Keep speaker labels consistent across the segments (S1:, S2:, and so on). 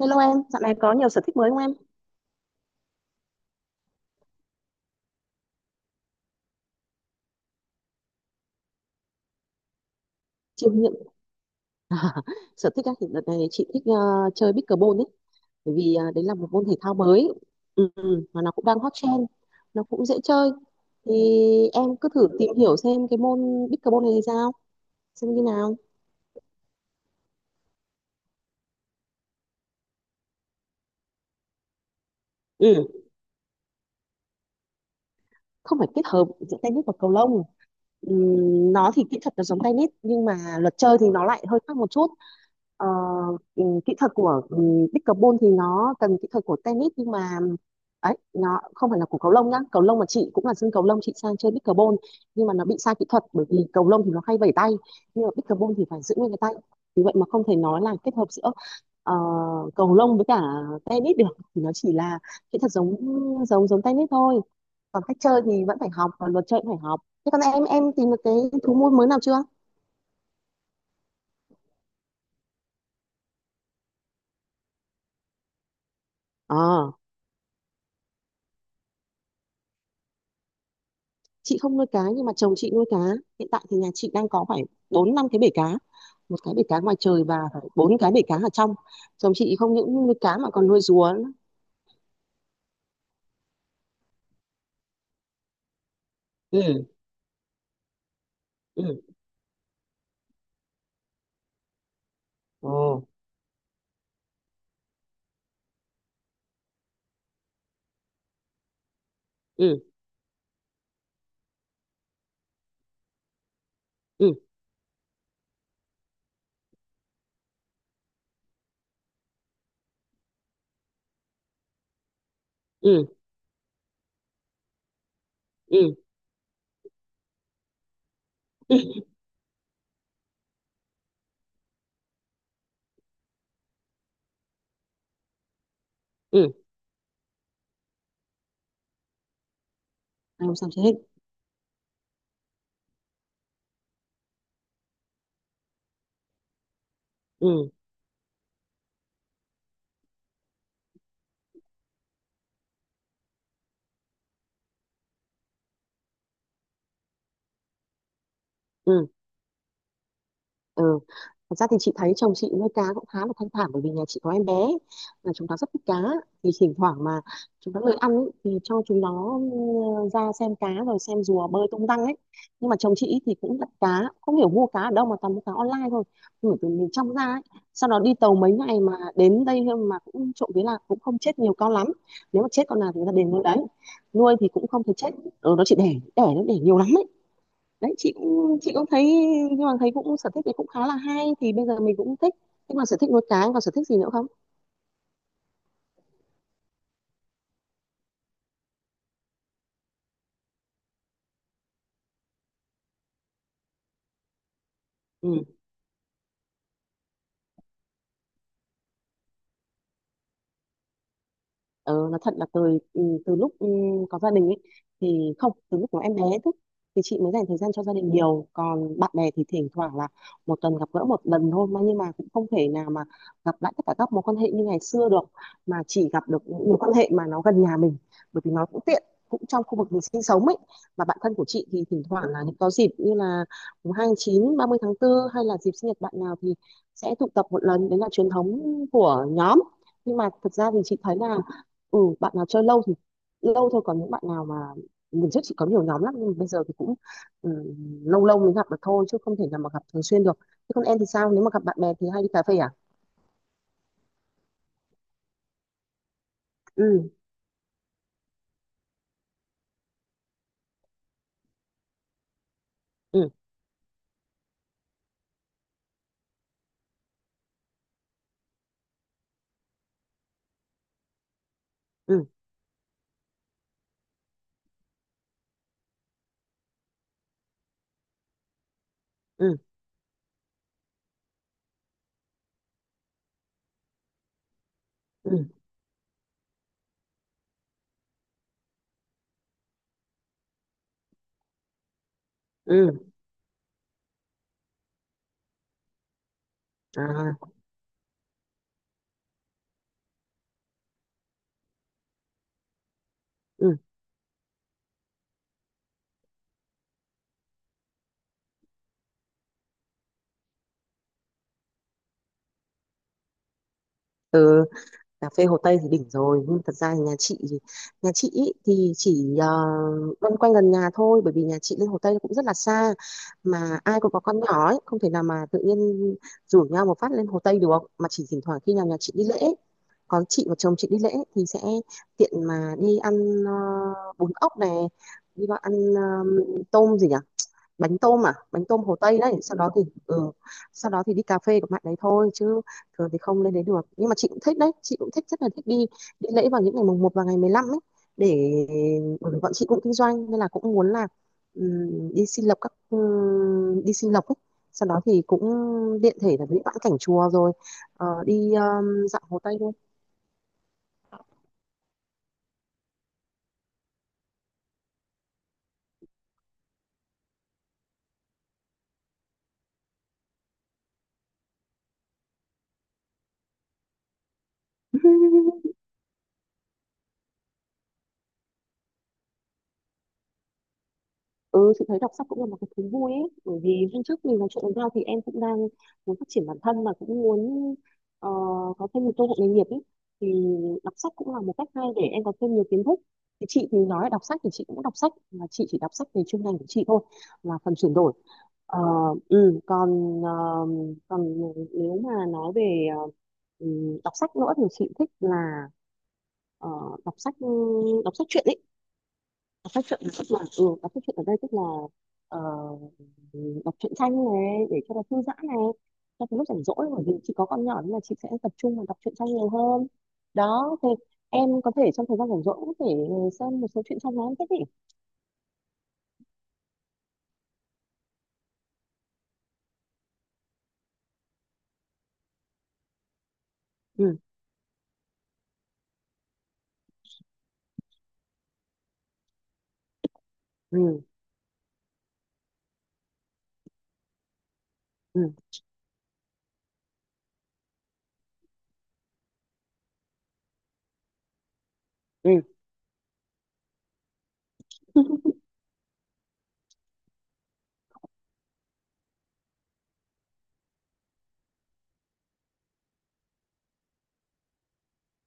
S1: Hello em, dạo này có nhiều sở thích mới không em? Chiêm nghiệm sở thích á, thì đợt này chị thích chơi pickleball ấy, bởi vì đấy là một môn thể thao mới, mà nó cũng đang hot trend, nó cũng dễ chơi. Thì em cứ thử tìm hiểu xem cái môn pickleball này thì sao, xem như nào. Ừ, không phải kết hợp giữa tennis và cầu lông. Nó thì kỹ thuật nó giống tennis nhưng mà luật chơi thì nó lại hơi khác một chút. Ờ, Kỹ thuật của pickleball thì nó cần kỹ thuật của tennis nhưng mà ấy, nó không phải là của cầu lông nhá. Cầu lông mà chị cũng là sân cầu lông chị sang chơi pickleball nhưng mà nó bị sai kỹ thuật, bởi vì cầu lông thì nó hay vẩy tay nhưng mà pickleball thì phải giữ nguyên cái tay. Vì vậy mà không thể nói là kết hợp giữa ờ, cầu lông với cả tennis được, thì nó chỉ là kỹ thuật giống giống giống tennis thôi, còn cách chơi thì vẫn phải học, còn luật chơi cũng phải học. Thế còn em tìm được cái thú nuôi mới nào chưa? Ờ, chị không nuôi cá nhưng mà chồng chị nuôi cá. Hiện tại thì nhà chị đang có phải bốn năm cái bể cá, một cái bể cá ngoài trời và phải bốn cái bể cá ở trong. Chồng chị không những nuôi cá mà còn nuôi rùa nữa. Ừ, ừ. Ồ. Ừ, ừ, ừ, ừ, ừ, ừ, ừ. Ai làm sao chị hết? Ừ, ừ. Ừ, thật ra thì chị thấy chồng chị nuôi cá cũng khá là thanh thản, bởi vì nhà chị có em bé là chúng nó rất thích cá. Thì thỉnh thoảng mà chúng nó lười ăn ấy, thì cho chúng nó ra xem cá rồi xem rùa bơi tung tăng ấy. Nhưng mà chồng chị ý thì cũng đặt cá, không hiểu mua cá ở đâu mà toàn mua cá online thôi, gửi từ miền trong ra ấy, sau đó đi tàu mấy ngày mà đến đây. Mà cũng trộm vía là cũng không chết nhiều con lắm, nếu mà chết con nào thì người ta đền. Nuôi đấy, nuôi thì cũng không thể chết. Ừ, nó chỉ đẻ đẻ nó đẻ nhiều lắm ấy. Đấy, chị cũng thấy, nhưng mà thấy cũng sở thích này cũng khá là hay thì bây giờ mình cũng thích. Thế còn sở thích nuôi cá, còn sở thích gì nữa không? Ừ. Ờ, nói thật là từ lúc có gia đình ấy thì không, từ lúc có em bé thôi thì chị mới dành thời gian cho gia đình nhiều, còn bạn bè thì thỉnh thoảng là một tuần gặp gỡ một lần thôi. Mà nhưng mà cũng không thể nào mà gặp lại tất cả các mối quan hệ như ngày xưa được, mà chỉ gặp được những mối quan hệ mà nó gần nhà mình, bởi vì nó cũng tiện, cũng trong khu vực mình sinh sống ấy. Mà bạn thân của chị thì thỉnh thoảng là những có dịp như là 2/9, 30/4 hay là dịp sinh nhật bạn nào thì sẽ tụ tập một lần, đấy là truyền thống của nhóm. Nhưng mà thực ra thì chị thấy là, ừ, bạn nào chơi lâu thì lâu thôi, còn những bạn nào mà mình trước chỉ có nhiều nhóm lắm nhưng bây giờ thì cũng ừ, lâu lâu mới gặp được thôi, chứ không thể nào mà gặp thường xuyên được. Thế còn em thì sao, nếu mà gặp bạn bè thì hay đi cà phê à? Ừ, ừ, ừ, ừ, ừ, ừ, à, ừ, ừ. Cà phê Hồ Tây thì đỉnh rồi, nhưng thật ra thì nhà chị ý thì chỉ loanh quanh gần nhà thôi, bởi vì nhà chị lên Hồ Tây cũng rất là xa, mà ai cũng có con nhỏ ấy, không thể nào mà tự nhiên rủ nhau một phát lên Hồ Tây được. Mà chỉ thỉnh thoảng khi nào nhà chị đi lễ, còn chị và chồng chị đi lễ thì sẽ tiện mà đi ăn ờ, bún ốc này, đi vào ăn tôm gì nhỉ, bánh tôm, à bánh tôm Hồ Tây đấy. Sau đó thì đi cà phê của bạn đấy thôi, chứ thường thì không lên đấy được. Nhưng mà chị cũng thích đấy, chị cũng thích rất là thích đi đi lễ vào những ngày mùng 1 và ngày 15 ấy, để, bởi vì bọn chị cũng kinh doanh nên là cũng muốn là, đi xin lộc ấy, sau đó thì cũng tiện thể là đi vãn cảnh chùa rồi đi dạo Hồ Tây thôi. Ừ, chị thấy đọc sách cũng là một cái thú vui ấy, bởi vì hôm trước mình nói chuyện với nhau thì em cũng đang muốn phát triển bản thân, mà cũng muốn ờ, có thêm một cơ hội nghề nghiệp ấy, thì đọc sách cũng là một cách hay để em có thêm nhiều kiến thức. Thì chị thì nói đọc sách thì chị cũng đọc sách, mà chị chỉ đọc sách về chuyên ngành của chị thôi, là phần chuyển đổi. Ờ, ừ, còn ờ, còn nếu mà nói về ừ, đọc sách nữa thì chị thích là ờ, đọc sách đọc sách truyện ấy. Đọc sách truyện tức là, ừ, đọc sách truyện ở đây tức là ờ, ừ, đọc truyện tranh này để cho nó thư giãn này, cho cái lúc rảnh rỗi, bởi vì chị có con nhỏ nên là chị sẽ tập trung vào đọc truyện tranh nhiều hơn. Đó, thì em có thể trong thời gian rảnh rỗi cũng có thể xem một số truyện tranh mà em thích ý. Ừ, ừ, ừ, ừ.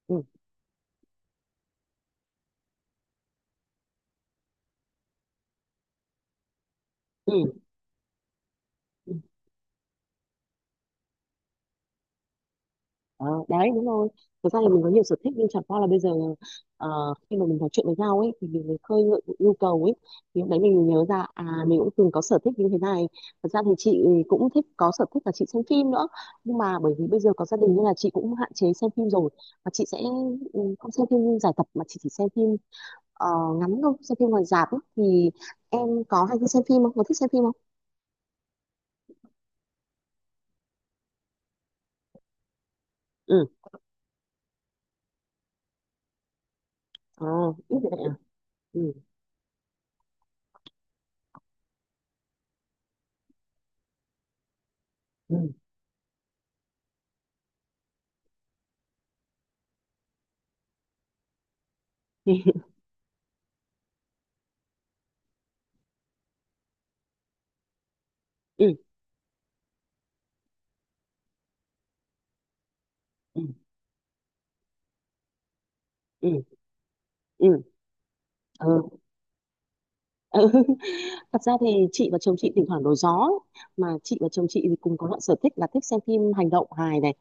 S1: Ừ, ừ. Ờ, đấy đúng rồi. Thực ra là mình có nhiều sở thích nhưng chẳng qua là bây giờ, ờ, khi mà mình nói chuyện với nhau ấy thì mình mới khơi gợi những nhu cầu ấy, thì lúc đấy mình mới nhớ ra, à mình cũng từng có sở thích như thế này. Thật ra thì chị cũng thích, có sở thích là chị xem phim nữa, nhưng mà bởi vì bây giờ có gia đình nên là chị cũng hạn chế xem phim rồi, và chị sẽ không xem phim giải tập, mà chị chỉ xem phim ờ, ngắn thôi, xem phim ngoài rạp ấy. Thì em có hay đi xem phim không, có thích xem phim không? Ừ. Ờ, biết rồi đấy à. Ừ, ừ, ừ. Ừ, ừ, ừ, ừ. Ừ, thật ra thì chị và chồng chị thỉnh thoảng đổi gió ấy. Mà chị và chồng chị thì cùng có loại sở thích là thích xem phim hành động hài này,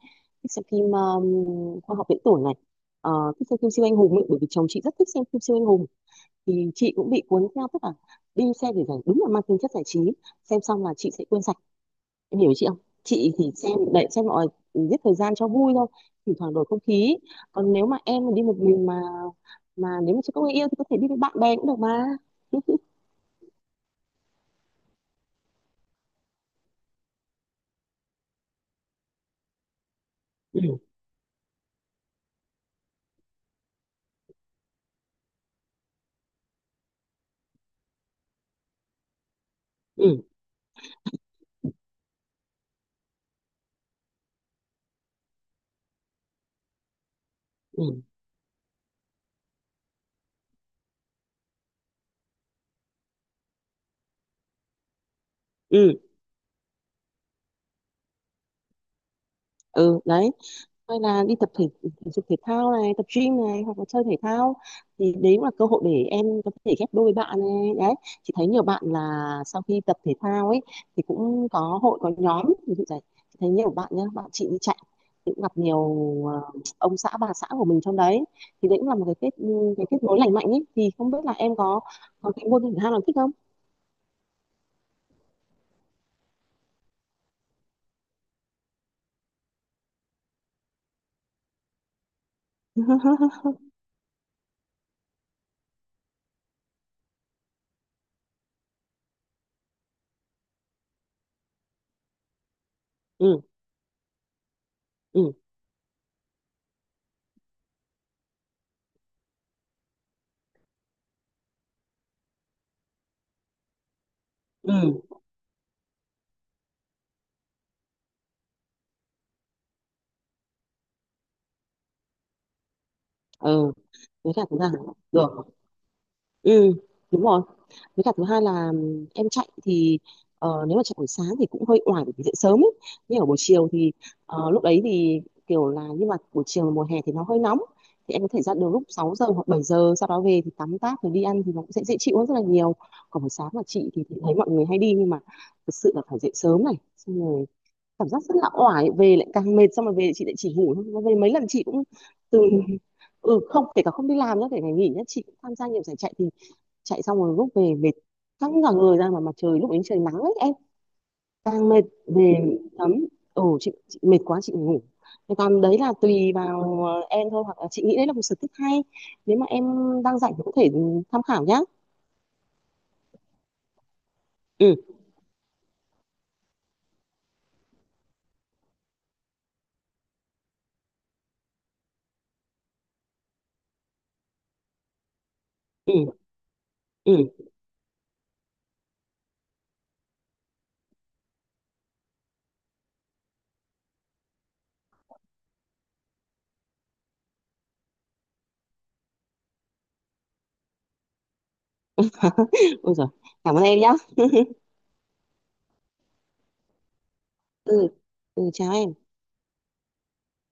S1: thích xem phim khoa học viễn tưởng này, ờ, thích xem phim siêu anh hùng ấy, bởi vì chồng chị rất thích xem phim siêu anh hùng, thì chị cũng bị cuốn theo. Tức là đi xem để giải, đúng là mang tính chất giải trí, xem xong là chị sẽ quên sạch, em hiểu ý chị không? Chị thì xem để xem mọi giết thời gian cho vui thôi, thỉnh thoảng đổi không khí. Còn nếu mà em mà đi một mình mà nếu mà chưa có người yêu thì có thể đi với bạn bè cũng được mà. Ừ, ừ, ừ, ừ, ừ. Đấy, hay là đi tập thể thể dục thể thao này, tập gym này, hoặc là chơi thể thao thì đấy cũng là cơ hội để em có thể ghép đôi bạn này. Đấy, chị thấy nhiều bạn là sau khi tập thể thao ấy thì cũng có hội có nhóm, ví dụ vậy. Chị thấy nhiều bạn nhá, bạn chị đi chạy thì cũng gặp nhiều ờ, ông xã bà xã của mình trong đấy, thì đấy cũng là một cái kết nối lành mạnh ấy. Thì không biết là em có cái môn thể thao nào thích không? Ừ, ừ, ừ, ừ. Với cả chúng ta được. Ừ, đúng rồi. Với cả thứ hai là em chạy thì nếu mà chạy buổi sáng thì cũng hơi oải bởi vì dậy sớm ấy, nhưng ở buổi chiều thì ờ, lúc đấy thì kiểu là, nhưng mà buổi chiều mùa hè thì nó hơi nóng, thì em có thể ra đường lúc 6 giờ hoặc 7 giờ, sau đó về thì tắm táp rồi đi ăn thì nó cũng sẽ dễ chịu hơn rất là nhiều. Còn buổi sáng mà chị thì thấy mọi người hay đi, nhưng mà thực sự là phải dậy sớm này, xong rồi cảm giác rất là oải, về lại càng mệt, xong rồi về chị lại chỉ ngủ thôi. Mà về mấy lần chị cũng từ ừ, không kể cả không đi làm nữa, kể cả nghỉ nhá, chị cũng tham gia nhiều giải chạy, thì chạy xong rồi lúc về mệt, căng cả người ra, mà mặt trời lúc ấy trời nắng ấy em, càng mệt. Về tắm, ừ, chị mệt quá chị ngủ. Thế còn đấy là tùy vào em thôi, hoặc là chị nghĩ đấy là một sở thích hay, nếu mà em đang rảnh thì có thể tham khảo nhá. Ừ, ừ, ừ. Ôi giời, cảm ơn em nhá. Ừ, ừ, chào em.